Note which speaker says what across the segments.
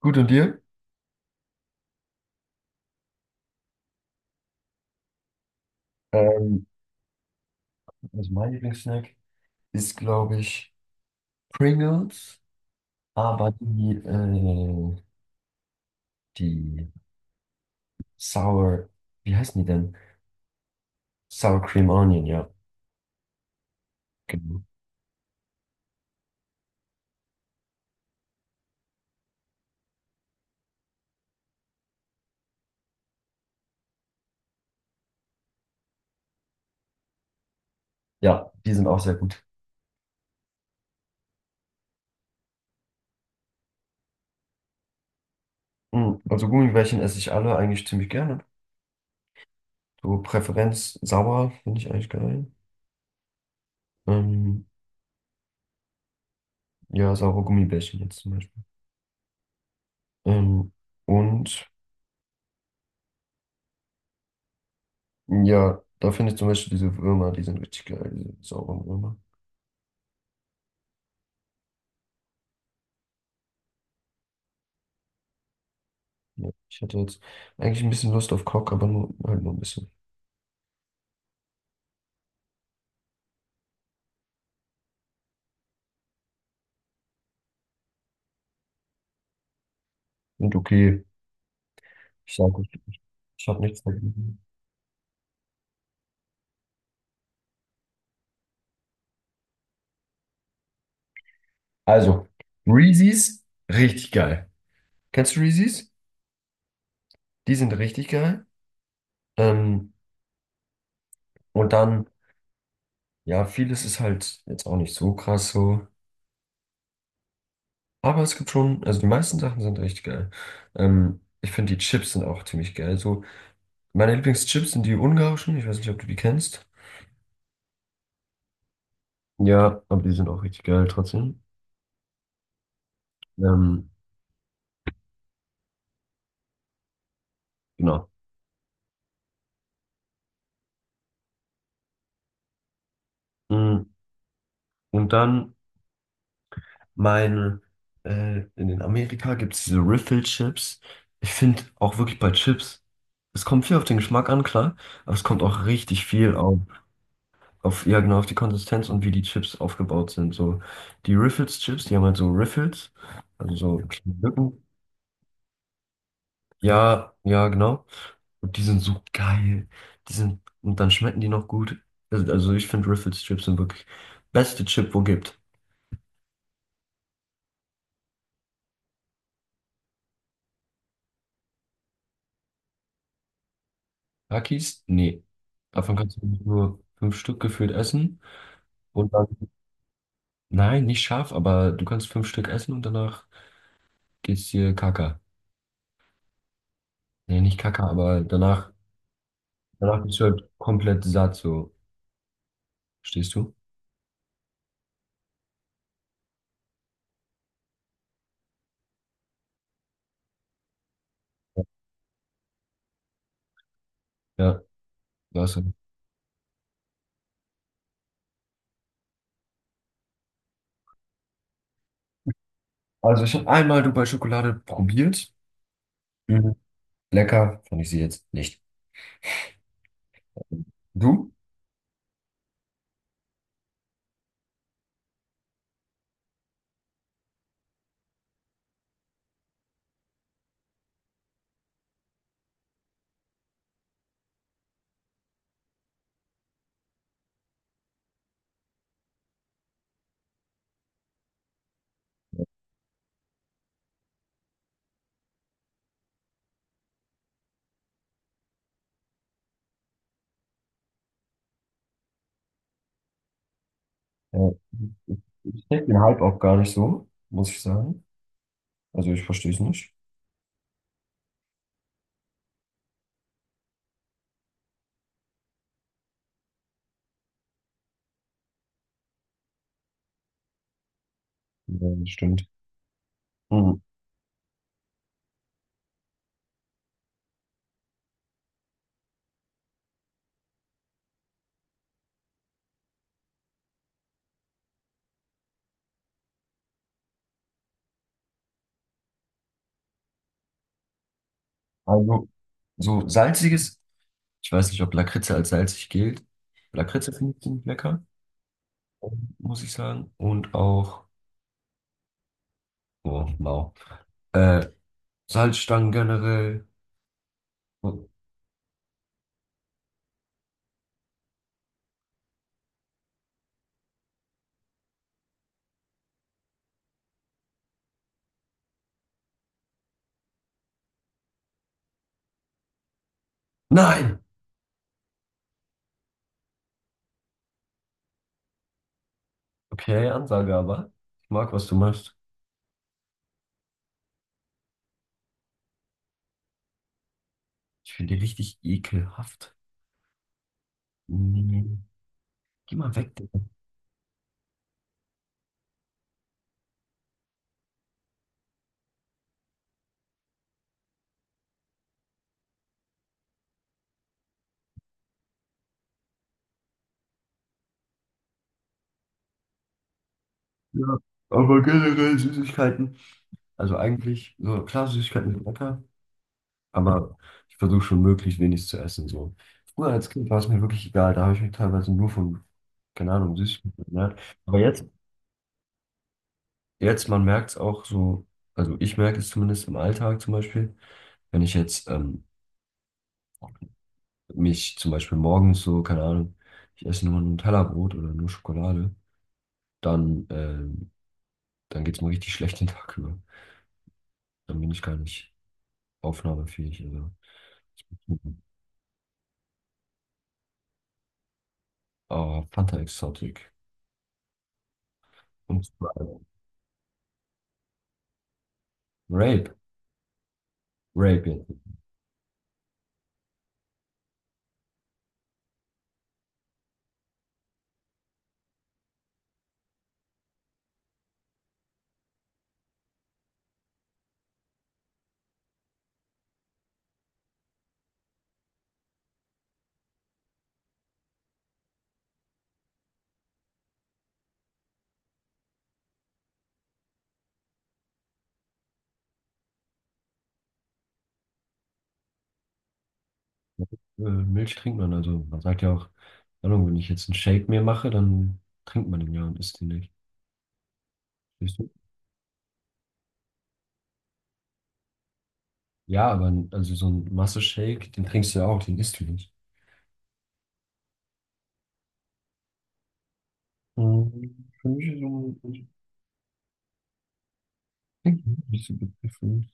Speaker 1: Gut, und dir? Ähm, also mein Lieblingssnack ist, glaube ich, Pringles, aber die die Sour, wie heißen die denn? Sour Cream Onion, ja, genau. Ja, die sind auch sehr gut. Also Gummibärchen esse ich alle eigentlich ziemlich gerne. So Präferenz sauer finde ich eigentlich geil. Ähm, ja, saure Gummibärchen jetzt zum Beispiel. Ähm, und ja, da finde ich zum Beispiel diese Würmer, die sind richtig geil, diese sauren Würmer. Ja, ich hätte jetzt eigentlich ein bisschen Lust auf Cock, aber nur, halt nur ein bisschen. Und okay, ich sag euch, ich habe nichts dagegen. Also, Reese's, richtig geil. Kennst du Reese's? Die sind richtig geil. Ähm, und dann, ja, vieles ist halt jetzt auch nicht so krass so. Aber es gibt schon, also die meisten Sachen sind richtig geil. Ich finde, die Chips sind auch ziemlich geil. So, meine Lieblingschips sind die ungarischen. Ich weiß nicht, ob du die kennst. Ja, aber die sind auch richtig geil trotzdem. Ähm, genau. Mm. Und dann meine, in den Amerika gibt es diese Riffle-Chips. Ich finde auch wirklich bei Chips, es kommt viel auf den Geschmack an, klar, aber es kommt auch richtig viel auf, ja genau, auf die Konsistenz und wie die Chips aufgebaut sind. So, die Riffles-Chips, die haben halt so Riffles, also so kleine Lücken. Ja, ja, genau. Und die sind so geil. Die sind, und dann schmecken die noch gut. Also ich finde Riffles-Chips sind wirklich beste Chip, wo gibt. Takis? Nee. Davon kannst du nur fünf Stück gefühlt essen. Und dann, nein, nicht scharf, aber du kannst fünf Stück essen und danach geht's dir Kaka. Nee, nicht Kaka, aber danach, danach bist du halt komplett satt, so. Stehst du? Ja, war's. Also ich habe einmal Dubai Schokolade probiert. Mhm. Lecker, fand ich sie jetzt nicht. Du? Ja. Ich check den Hype auch gar nicht so, muss ich sagen. Also ich verstehe es nicht. Ja, das stimmt. Mhm. Also so salziges. Ich weiß nicht, ob Lakritze als salzig gilt. Lakritze finde ich ziemlich lecker, muss ich sagen. Und auch, oh, mau. Äh, Salzstangen generell. Oh, nein! Okay, Ansage aber. Ich mag, was du machst. Ich finde die richtig ekelhaft. Nee. Geh mal weg, Digga. Ja, aber generell Süßigkeiten. Also eigentlich, so klar, Süßigkeiten sind lecker. Aber ich versuche schon möglichst wenig zu essen. So. Früher als Kind war es mir wirklich egal. Da habe ich mich teilweise nur von, keine Ahnung, Süßigkeiten ernährt. Aber jetzt, man merkt es auch so, also ich merke es zumindest im Alltag zum Beispiel, wenn ich jetzt mich zum Beispiel morgens so, keine Ahnung, ich esse nur ein Tellerbrot oder nur Schokolade, dann, dann geht es mir richtig schlecht den Tag über. Dann bin ich gar nicht aufnahmefähig. Also. Mhm. Oh, Fanta Exotic. Und zwar Rape. Rape. Äh, Milch trinkt man, also man sagt ja auch, keine Ahnung, wenn ich jetzt einen Shake mir mache, dann trinkt man den ja und isst den nicht. Siehst du? Ja, aber n- also so ein Masse-Shake, den trinkst du ja auch, den isst du nicht. Für mich ist so ein Trinken nicht so begriffen.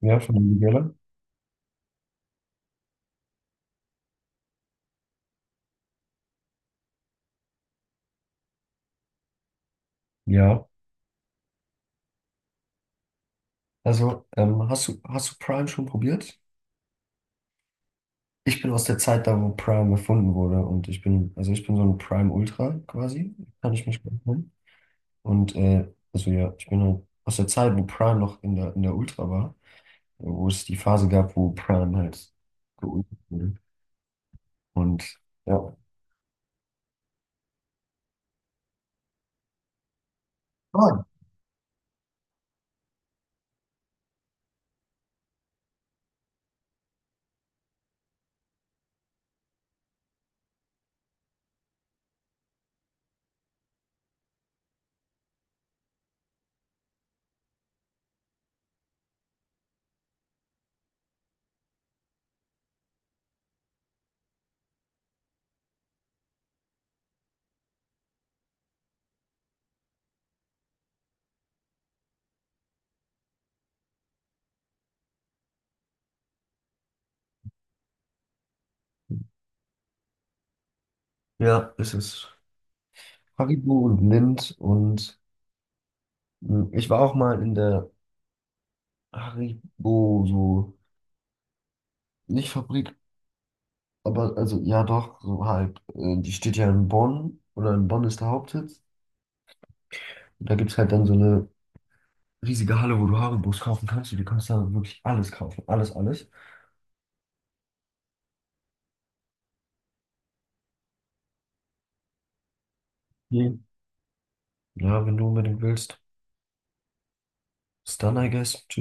Speaker 1: Ja, von dem Nutella? Ja. Hast du Prime schon probiert? Ich bin aus der Zeit da, wo Prime erfunden wurde und also ich bin so ein Prime Ultra quasi, kann ich mich gut nennen. Und also ja, ich bin halt aus der Zeit, wo Prime noch in der Ultra war. Wo es die Phase gab, wo Prime halt geultet wurde. Und ja. Ah, ja, es ist Haribo und Lindt und mh, ich war auch mal in der Haribo, so, nicht Fabrik, aber also ja doch, so halt, die steht ja in Bonn oder in Bonn ist der Hauptsitz. Und da gibt es halt dann so eine riesige Halle, wo du Haribos kaufen kannst und du kannst da wirklich alles kaufen, alles, alles. Mhm. Ja, wenn du unbedingt willst. Ist dann, I guess.